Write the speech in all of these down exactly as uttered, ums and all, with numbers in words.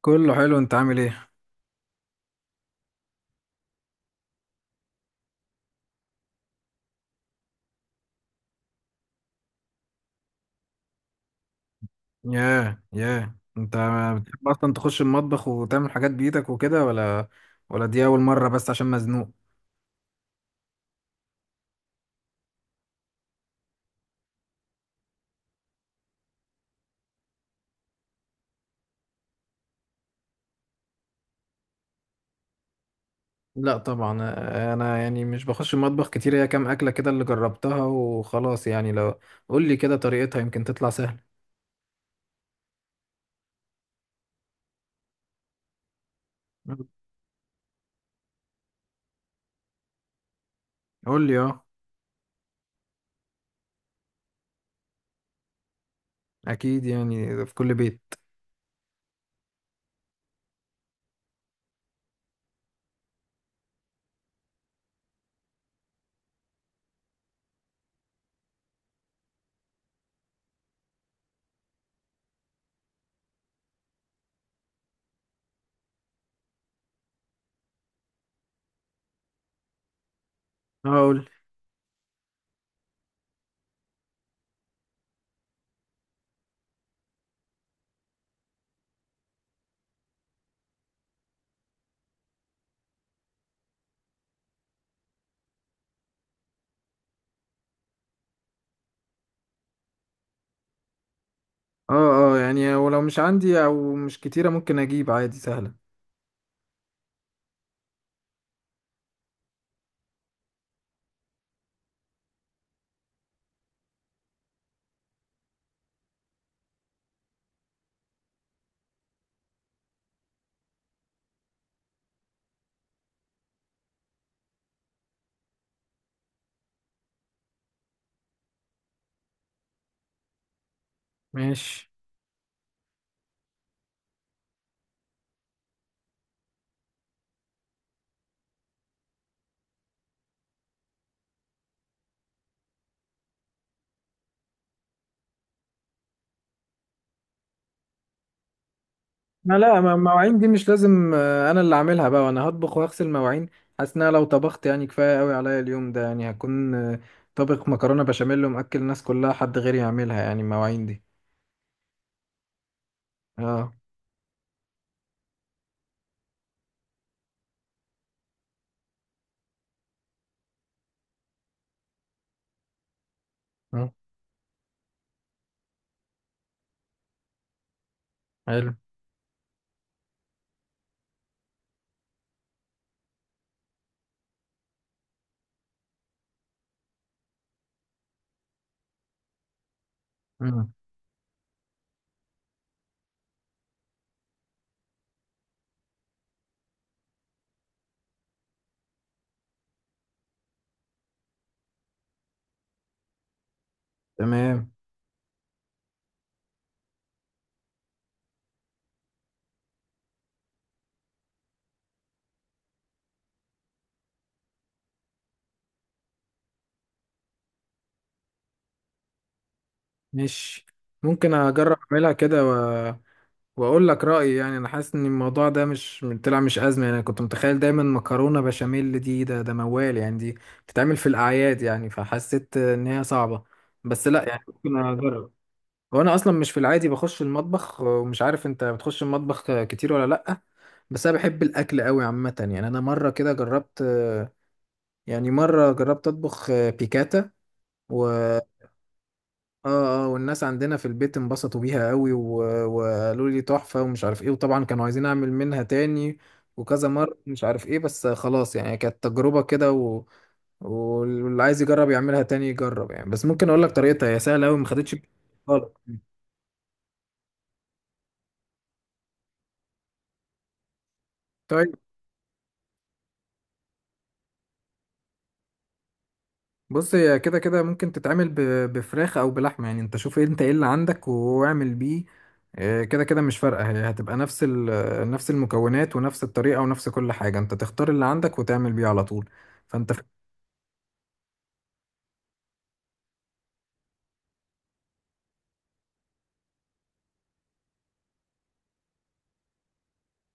كله حلو، انت عامل ايه؟ ياه ياه انت! بتحب اصلا تخش المطبخ وتعمل حاجات بايدك وكده، ولا ولا دي اول مره بس عشان مزنوق؟ لا طبعا. انا يعني مش بخش المطبخ كتير، هي كام اكله كده اللي جربتها وخلاص، يعني لو قول لي كده طريقتها يمكن تطلع سهله. قول لي اه. اكيد، يعني في كل بيت. اه، قول لي. اه اه، يعني ولو مش عندي او مش كتيره ممكن اجيب عادي، سهله. ماشي. ما لا ما المواعين دي مش لازم، آه، انا اللي اعملها بقى وانا هطبخ واغسل مواعين. حاسس ان انا لو طبخت يعني كفايه قوي عليا اليوم ده، يعني هكون آه، طابخ مكرونه بشاميل ومأكل الناس كلها، حد غيري يعملها يعني المواعين دي. اه. آه، حلو. مم. تمام. ماشي، ممكن اجرب اعملها كده، و... واقول لك رايي، يعني انا حاسس ان الموضوع ده مش طلع مش ازمه، يعني انا كنت متخيل دايما مكرونه بشاميل دي ده ده موال، يعني دي بتتعمل في الاعياد، يعني فحسيت ان هي صعبه. بس لا، يعني ممكن اجرب. هو انا اصلا مش في العادي بخش المطبخ، ومش عارف انت بتخش المطبخ كتير ولا لا؟ بس انا بحب الاكل قوي عامه، يعني انا مره كده جربت، يعني مره جربت اطبخ بيكاتا. و اه اه، والناس عندنا في البيت انبسطوا بيها قوي، و... وقالوا لي تحفه ومش عارف ايه، وطبعا كانوا عايزين اعمل منها تاني وكذا مره، مش عارف ايه، بس خلاص يعني كانت تجربه كده، و... واللي عايز يجرب يعملها تاني يجرب، يعني بس ممكن اقول لك طريقتها، هي سهله قوي ما خدتش خالص. طيب، بص هي كده كده ممكن تتعمل ب- بفراخ او بلحمه، يعني انت شوف إيه انت ايه اللي عندك واعمل بيه. آه، كده كده مش فارقه، هي هتبقى نفس ال- نفس المكونات ونفس الطريقه ونفس كل حاجه، انت تختار اللي عندك وتعمل بيه على طول. فانت ف-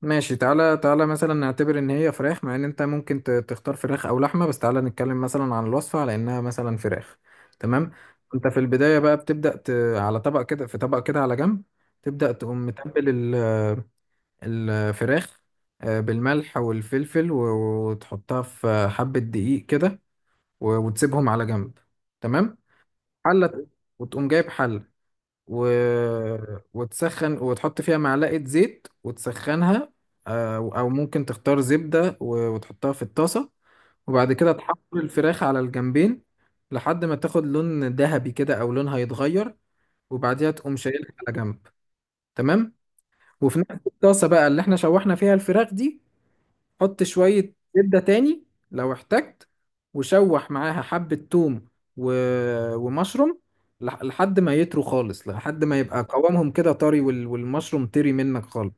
ماشي. تعالى تعالى مثلا نعتبر ان هي فراخ، مع ان انت ممكن ت- تختار فراخ او لحمه، بس تعالى نتكلم مثلا عن الوصفه على انها مثلا فراخ. تمام. انت في البدايه بقى بتبدا ت... على طبق كده، في طبق كده على جنب، تبدا تقوم متبل الفراخ آه، بالملح والفلفل و- وتحطها في حبة دقيق كده، و- وتسيبهم على جنب. تمام. حلة، وتقوم جايب حلة و... وتسخن وتحط فيها معلقة زيت وتسخنها. آه، أو ممكن تختار زبدة و- وتحطها في الطاسة، وبعد كده تحمر الفراخ على الجنبين، لحد ما تاخد لون ذهبي كده أو لونها يتغير، وبعديها تقوم شايلها على جنب. تمام. وفي نفس الطاسة بقى اللي احنا شوحنا فيها الفراخ دي، حط شوية زبدة تاني لو احتجت، وشوح معاها حبة توم و... ومشروم، لح- لحد ما يطروا خالص، لحد ما يبقى قوامهم كده طري وال... والمشروم طري منك خالص.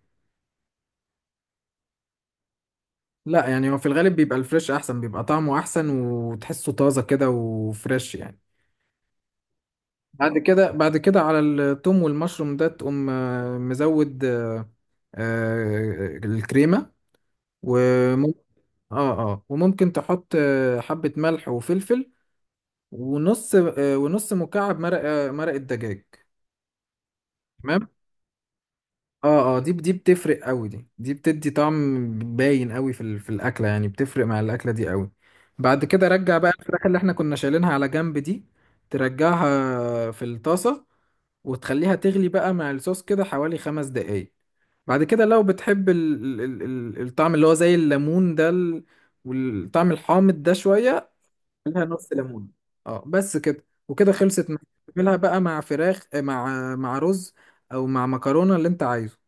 لا، يعني هو في الغالب بيبقى الفريش احسن، بيبقى طعمه احسن وتحسه طازة كده وفريش يعني. بعد كده بعد كده على التوم والمشروم ده تقوم آه، مزود آه، آه، الكريمة. وممكن اه اه، وممكن تحط آه، حبة ملح وفلفل، ونص آه، ونص مكعب مرق آه، مرق الدجاج. تمام. اه اه، دي دي بتفرق قوي، دي دي بتدي طعم باين قوي في ال- في الاكله، يعني بتفرق مع الاكله دي قوي. بعد كده رجع بقى الفراخ اللي احنا كنا شايلينها على جنب دي، ترجعها في الطاسه، وتخليها تغلي بقى مع الصوص كده حوالي خمس دقايق. بعد كده لو بتحب ال ال ال ال- الطعم اللي هو زي الليمون ده ال- والطعم الحامض ده شوية، لها نص ليمون. اه، بس كده وكده خلصت معاك. تعملها بقى مع فراخ، آه، مع مع رز، او مع مكرونه اللي انت عايزه.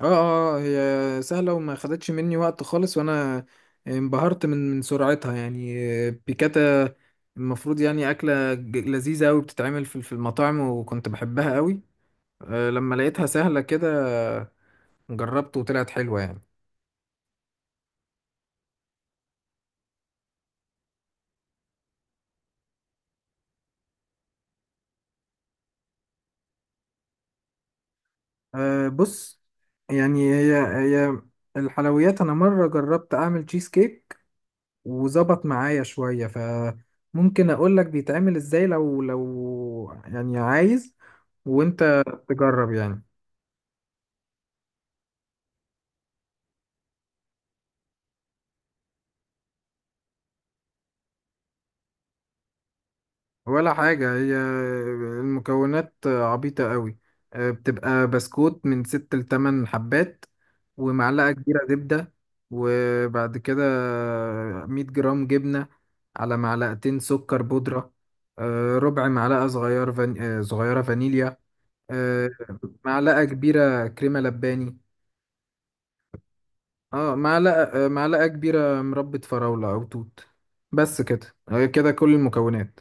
اه اه، آه، هي سهله وما خدتش مني وقت خالص، وانا انبهرت من من سرعتها يعني. آه، بيكاتا المفروض يعني اكله ج- لذيذه قوي، بتتعمل في في المطاعم، وكنت بحبها قوي لما لقيتها سهله كده، جربت وطلعت حلوه يعني. آه، بص، يعني هي هي الحلويات، انا مره جربت اعمل تشيز كيك وظبط معايا شوية، فممكن اقول لك بيتعمل ازاي لو لو يعني عايز وانت تجرب يعني. ولا حاجة، هي المكونات عبيطة قوي. آه، بتبقى بسكوت من ست لتمن حبات، ومعلقة كبيرة زبدة، وبعد كده مية جرام جبنة، على معلقتين سكر بودرة، آه، ربع معلقة صغير فان... آه، صغيرة فانيليا، آه، معلقة كبيرة كريمة لباني. اه، معلقة آه، معلقة كبيرة مربة فراولة أو توت. بس كده، آه، كده كل المكونات.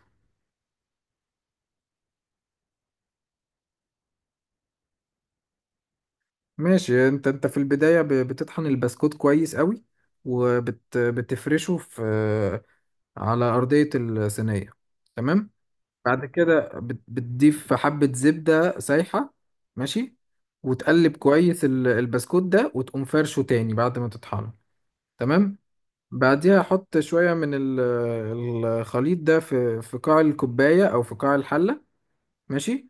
ماشي. انت انت في البداية ب- بتطحن البسكوت كويس قوي، وبتفرشه في آه، على أرضية الصينية. تمام. بعد كده بت- بتضيف حبة زبدة سايحة. ماشي. وتقلب كويس ال- البسكوت ده، وتقوم فرشه تاني بعد ما تطحنه. تمام. بعديها احط شويه من ال- الخليط ده في في قاع الكوبايه، او في قاع الحله. ماشي.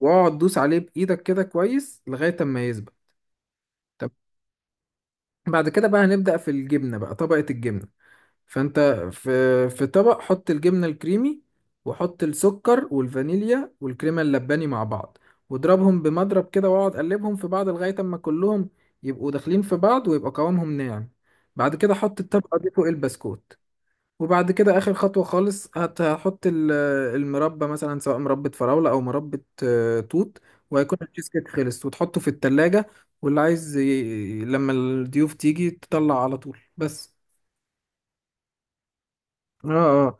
واقعد دوس عليه بايدك كده كويس لغايه اما يسبق. طب، بعد كده بقى هنبدا في الجبنه بقى، طبقه الجبنه. فانت في في طبق، حط الجبنه الكريمي، وحط السكر والفانيليا والكريمه اللباني مع بعض، واضربهم بمضرب كده، واقعد قلبهم في بعض لغايه اما كلهم يبقوا داخلين في بعض ويبقى قوامهم ناعم. بعد كده حط الطبقه دي فوق البسكوت. وبعد كده اخر خطوه خالص، هت- هحط ال- المربى، مثلا سواء مربى فراوله او مربى آه، توت، وهيكون التشيز كيك خلص وتحطه في التلاجة. واللي عايز ي... لما الضيوف تيجي تطلع على طول بس. اه اه،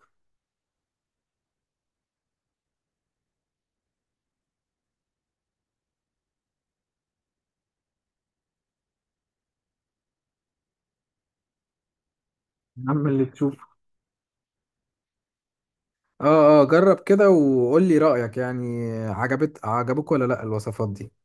يا عم اللي تشوفه. اه اه، جرب كده وقول لي رأيك، يعني عجبت عجبك ولا لا الوصفات دي؟